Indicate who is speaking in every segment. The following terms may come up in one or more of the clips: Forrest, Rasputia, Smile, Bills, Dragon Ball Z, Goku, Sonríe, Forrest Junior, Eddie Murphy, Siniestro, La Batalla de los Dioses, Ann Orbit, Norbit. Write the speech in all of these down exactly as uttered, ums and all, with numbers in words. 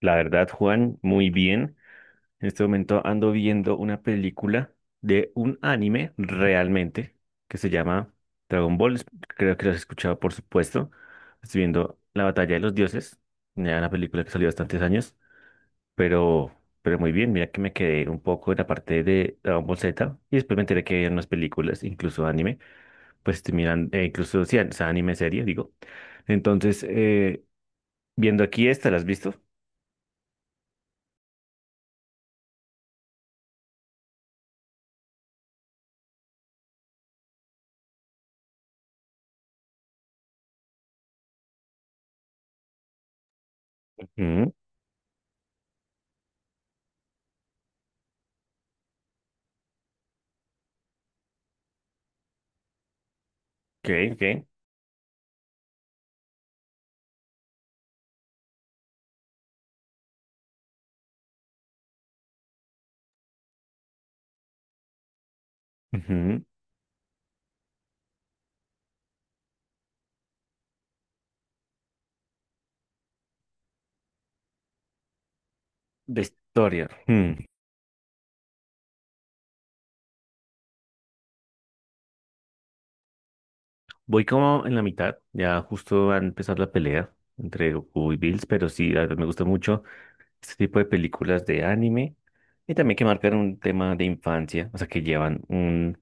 Speaker 1: La verdad, Juan, muy bien. En este momento ando viendo una película de un anime realmente que se llama Dragon Ball. Es- creo que lo has escuchado, por supuesto. Estoy viendo La Batalla de los Dioses, ya una película que salió hace bastantes años, pero, pero muy bien. Mira que me quedé un poco en la parte de Dragon Ball Z y después me enteré que hay unas películas, incluso anime, pues estoy mirando, eh, incluso, sí, o sea, anime serie, digo. Entonces, eh, viendo aquí esta, ¿la has visto? Ujú. Ok, ok. Ujú. De historia. Hmm. Voy como en la mitad, ya justo va a empezar la pelea entre Goku y Bills, pero sí, la verdad me gusta mucho este tipo de películas de anime y también que marcan un tema de infancia, o sea, que llevan un,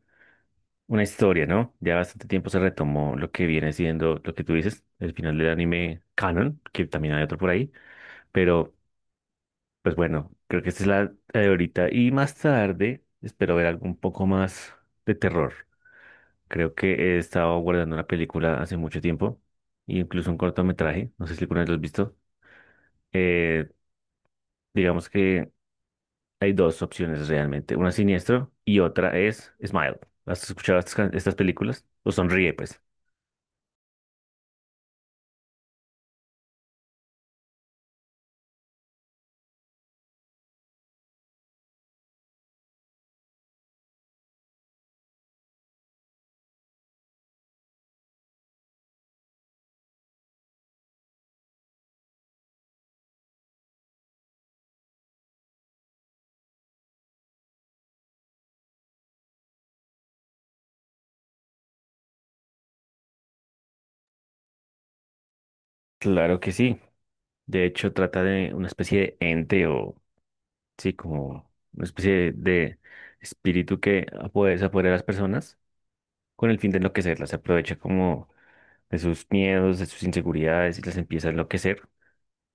Speaker 1: una historia, ¿no? Ya bastante tiempo se retomó lo que viene siendo lo que tú dices, el final del anime canon, que también hay otro por ahí, pero pues bueno, creo que esta es la la de ahorita y más tarde espero ver algo un poco más de terror. Creo que he estado guardando una película hace mucho tiempo, incluso un cortometraje, no sé si alguna vez lo has visto. Eh, digamos que hay dos opciones realmente, una es Siniestro y otra es Smile. ¿Has escuchado estas, can- estas películas? ¿O Sonríe, pues? Claro que sí. De hecho, trata de una especie de ente o, sí, como una especie de, de espíritu que puede desaparecer a las personas con el fin de enloquecerlas. Se aprovecha como de sus miedos, de sus inseguridades y las empieza a enloquecer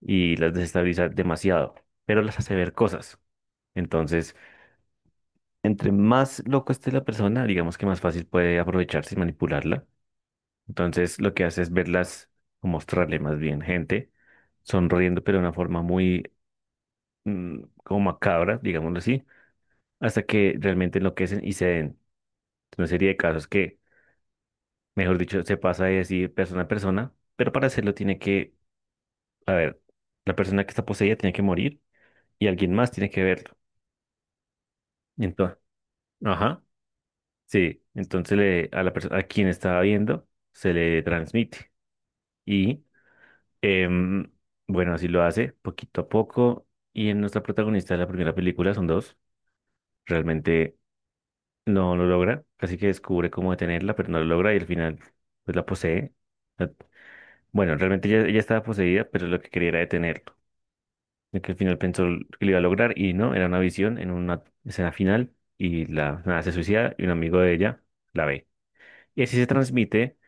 Speaker 1: y las desestabiliza demasiado, pero las hace ver cosas. Entonces, entre más loco esté la persona, digamos que más fácil puede aprovecharse y manipularla. Entonces, lo que hace es verlas o mostrarle más bien gente sonriendo, pero de una forma muy mm, como macabra, digámoslo así, hasta que realmente enloquecen y se den. Una serie de casos que, mejor dicho, se pasa de decir persona a persona, pero para hacerlo tiene que, a ver, la persona que está poseída tiene que morir y alguien más tiene que verlo. Entonces, ajá. Sí, entonces le, a la persona, a quien estaba viendo se le transmite. Y em, bueno, así lo hace poquito a poco. Y en nuestra protagonista de la primera película son dos. Realmente no lo logra. Casi que descubre cómo detenerla, pero no lo logra y al final pues la posee. La- bueno, realmente ella, ella estaba poseída, pero lo que quería era detenerlo. Y que al final pensó que lo iba a lograr y no, era una visión en una escena final y la nada, se suicida y un amigo de ella la ve. Y así se transmite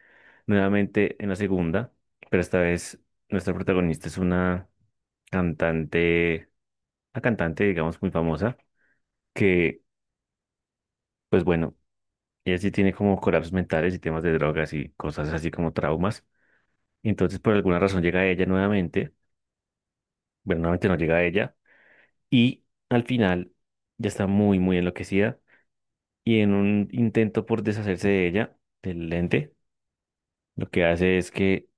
Speaker 1: nuevamente en la segunda, pero esta vez nuestra protagonista es una cantante, una cantante, digamos, muy famosa, que, pues bueno, ella sí tiene como colapsos mentales y temas de drogas y cosas así como traumas. Entonces, por alguna razón llega ella nuevamente, bueno, nuevamente no llega ella, y al final ya está muy, muy enloquecida y en un intento por deshacerse de ella, del lente, lo que hace es que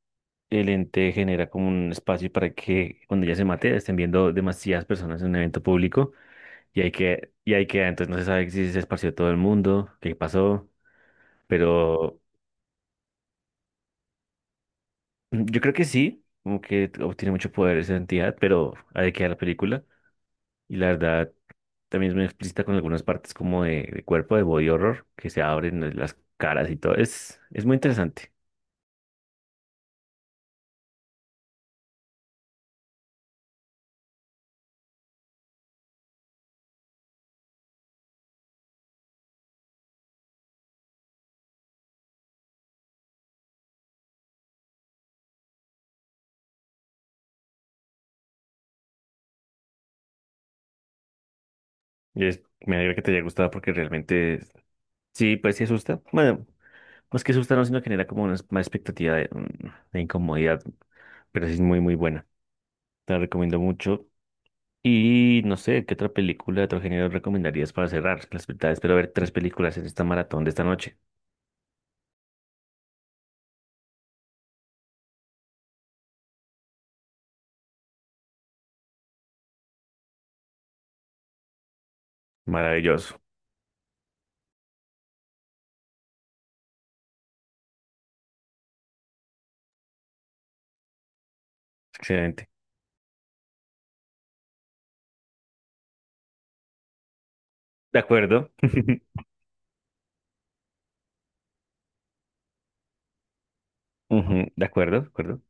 Speaker 1: el ente genera como un espacio para que cuando ya se mate estén viendo demasiadas personas en un evento público y hay que, y hay que, entonces no se sabe si se esparció todo el mundo, qué pasó, pero mm, yo creo que sí, como que obtiene mucho poder esa entidad, pero hay que ver la película y la verdad también es muy explícita con algunas partes como de, de cuerpo, de body horror, que se abren las caras y todo, es, es muy interesante. Y es, me alegra que te haya gustado porque realmente sí, pues sí asusta. Bueno. Más que asustado, sino genera como una, es- más expectativa de, mm, de incomodidad, pero sí es muy, muy buena. Te la recomiendo mucho. Y no sé, ¿qué otra película de otro género recomendarías para cerrar? Las verdad, espero ver tres películas en esta maratón de esta noche. Maravilloso. Excelente. De acuerdo. Ujú, de acuerdo, de acuerdo.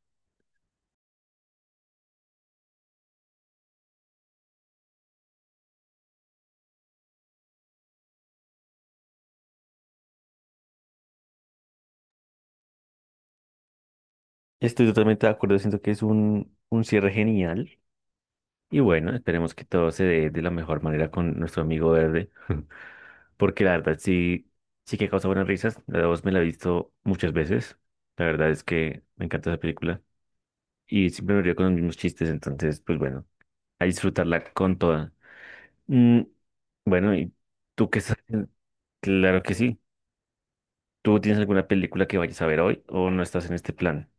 Speaker 1: Estoy totalmente de acuerdo. Siento que es un, un cierre genial. Y bueno, esperemos que todo se dé de la mejor manera con nuestro amigo verde. Porque la verdad sí, sí que causa buenas risas. La dos me la he visto muchas veces. La verdad es que me encanta esa película y siempre me río con los mismos chistes, entonces, pues bueno, a disfrutarla con toda. Mm, bueno, ¿y tú qué estás haciendo? Claro que sí. ¿Tú tienes alguna película que vayas a ver hoy o no estás en este plan?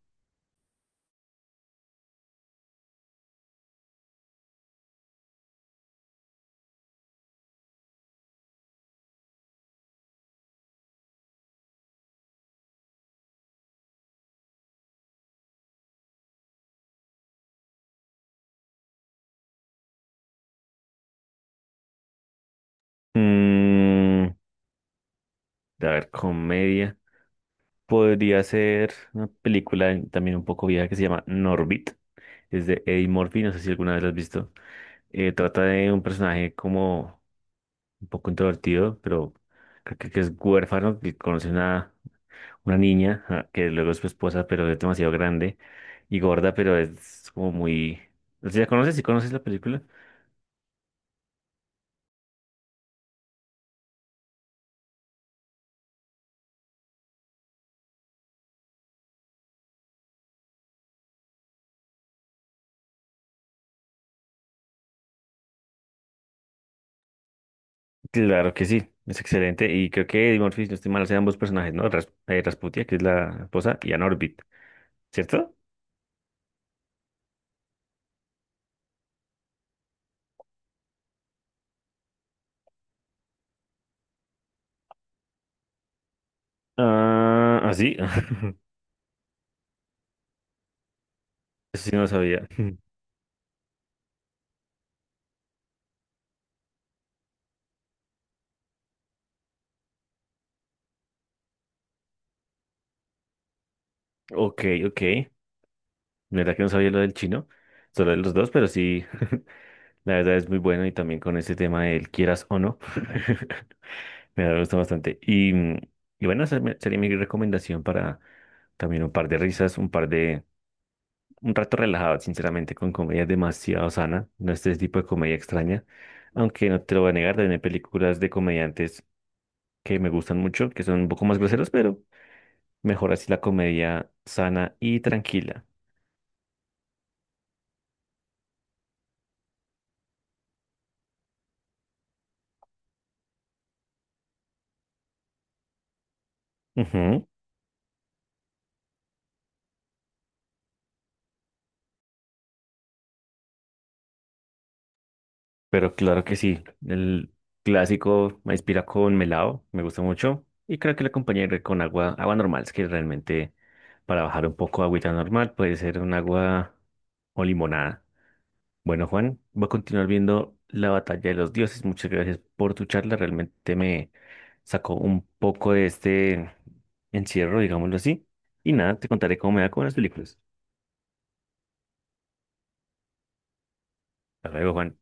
Speaker 1: Mm, a ver, comedia. Podría ser una película en- también un poco vieja que se llama Norbit. Es de Eddie Murphy, no sé si alguna vez la has visto. Eh, trata de un personaje como un poco introvertido, pero creo que, que es huérfano, que conoce una, una niña, ja, que luego es su esposa, pero es demasiado grande y gorda, pero es como muy... ¿Sí la conoces? ¿Sí conoces la película? Claro que sí, es excelente. Y creo que Eddie Murphy, si no estoy mal, hace ambos personajes, ¿no? Ras- eh, Rasputia, que es la esposa, y Ann Orbit, ¿cierto? Ah, ¿ah, sí? Eso sí no lo sabía. Ok, ok. La verdad que no sabía lo del chino, solo de los dos, pero sí. La verdad es muy bueno y también con ese tema del quieras o no, me gusta bastante. Y, mm, y bueno, esa me- sería mi recomendación para también un par de risas, un par de, un rato relajado, sinceramente, con comedia demasiado sana, no este tipo de comedia extraña, aunque no te lo voy a negar, también hay películas de comediantes que me gustan mucho, que son un poco más groseros, pero mejor así la comedia sana y tranquila. Pero claro que sí, el clásico maíz pira con melado me gusta mucho y creo que lo acompañaré con agua, agua normal, es que realmente para bajar un poco agüita normal puede ser un agua o limonada. Bueno, Juan, voy a continuar viendo La Batalla de los Dioses. Muchas gracias por tu charla, realmente me sacó un poco de este encierro, digámoslo así. Y nada, te contaré cómo me va con las películas. Hasta luego, Juan.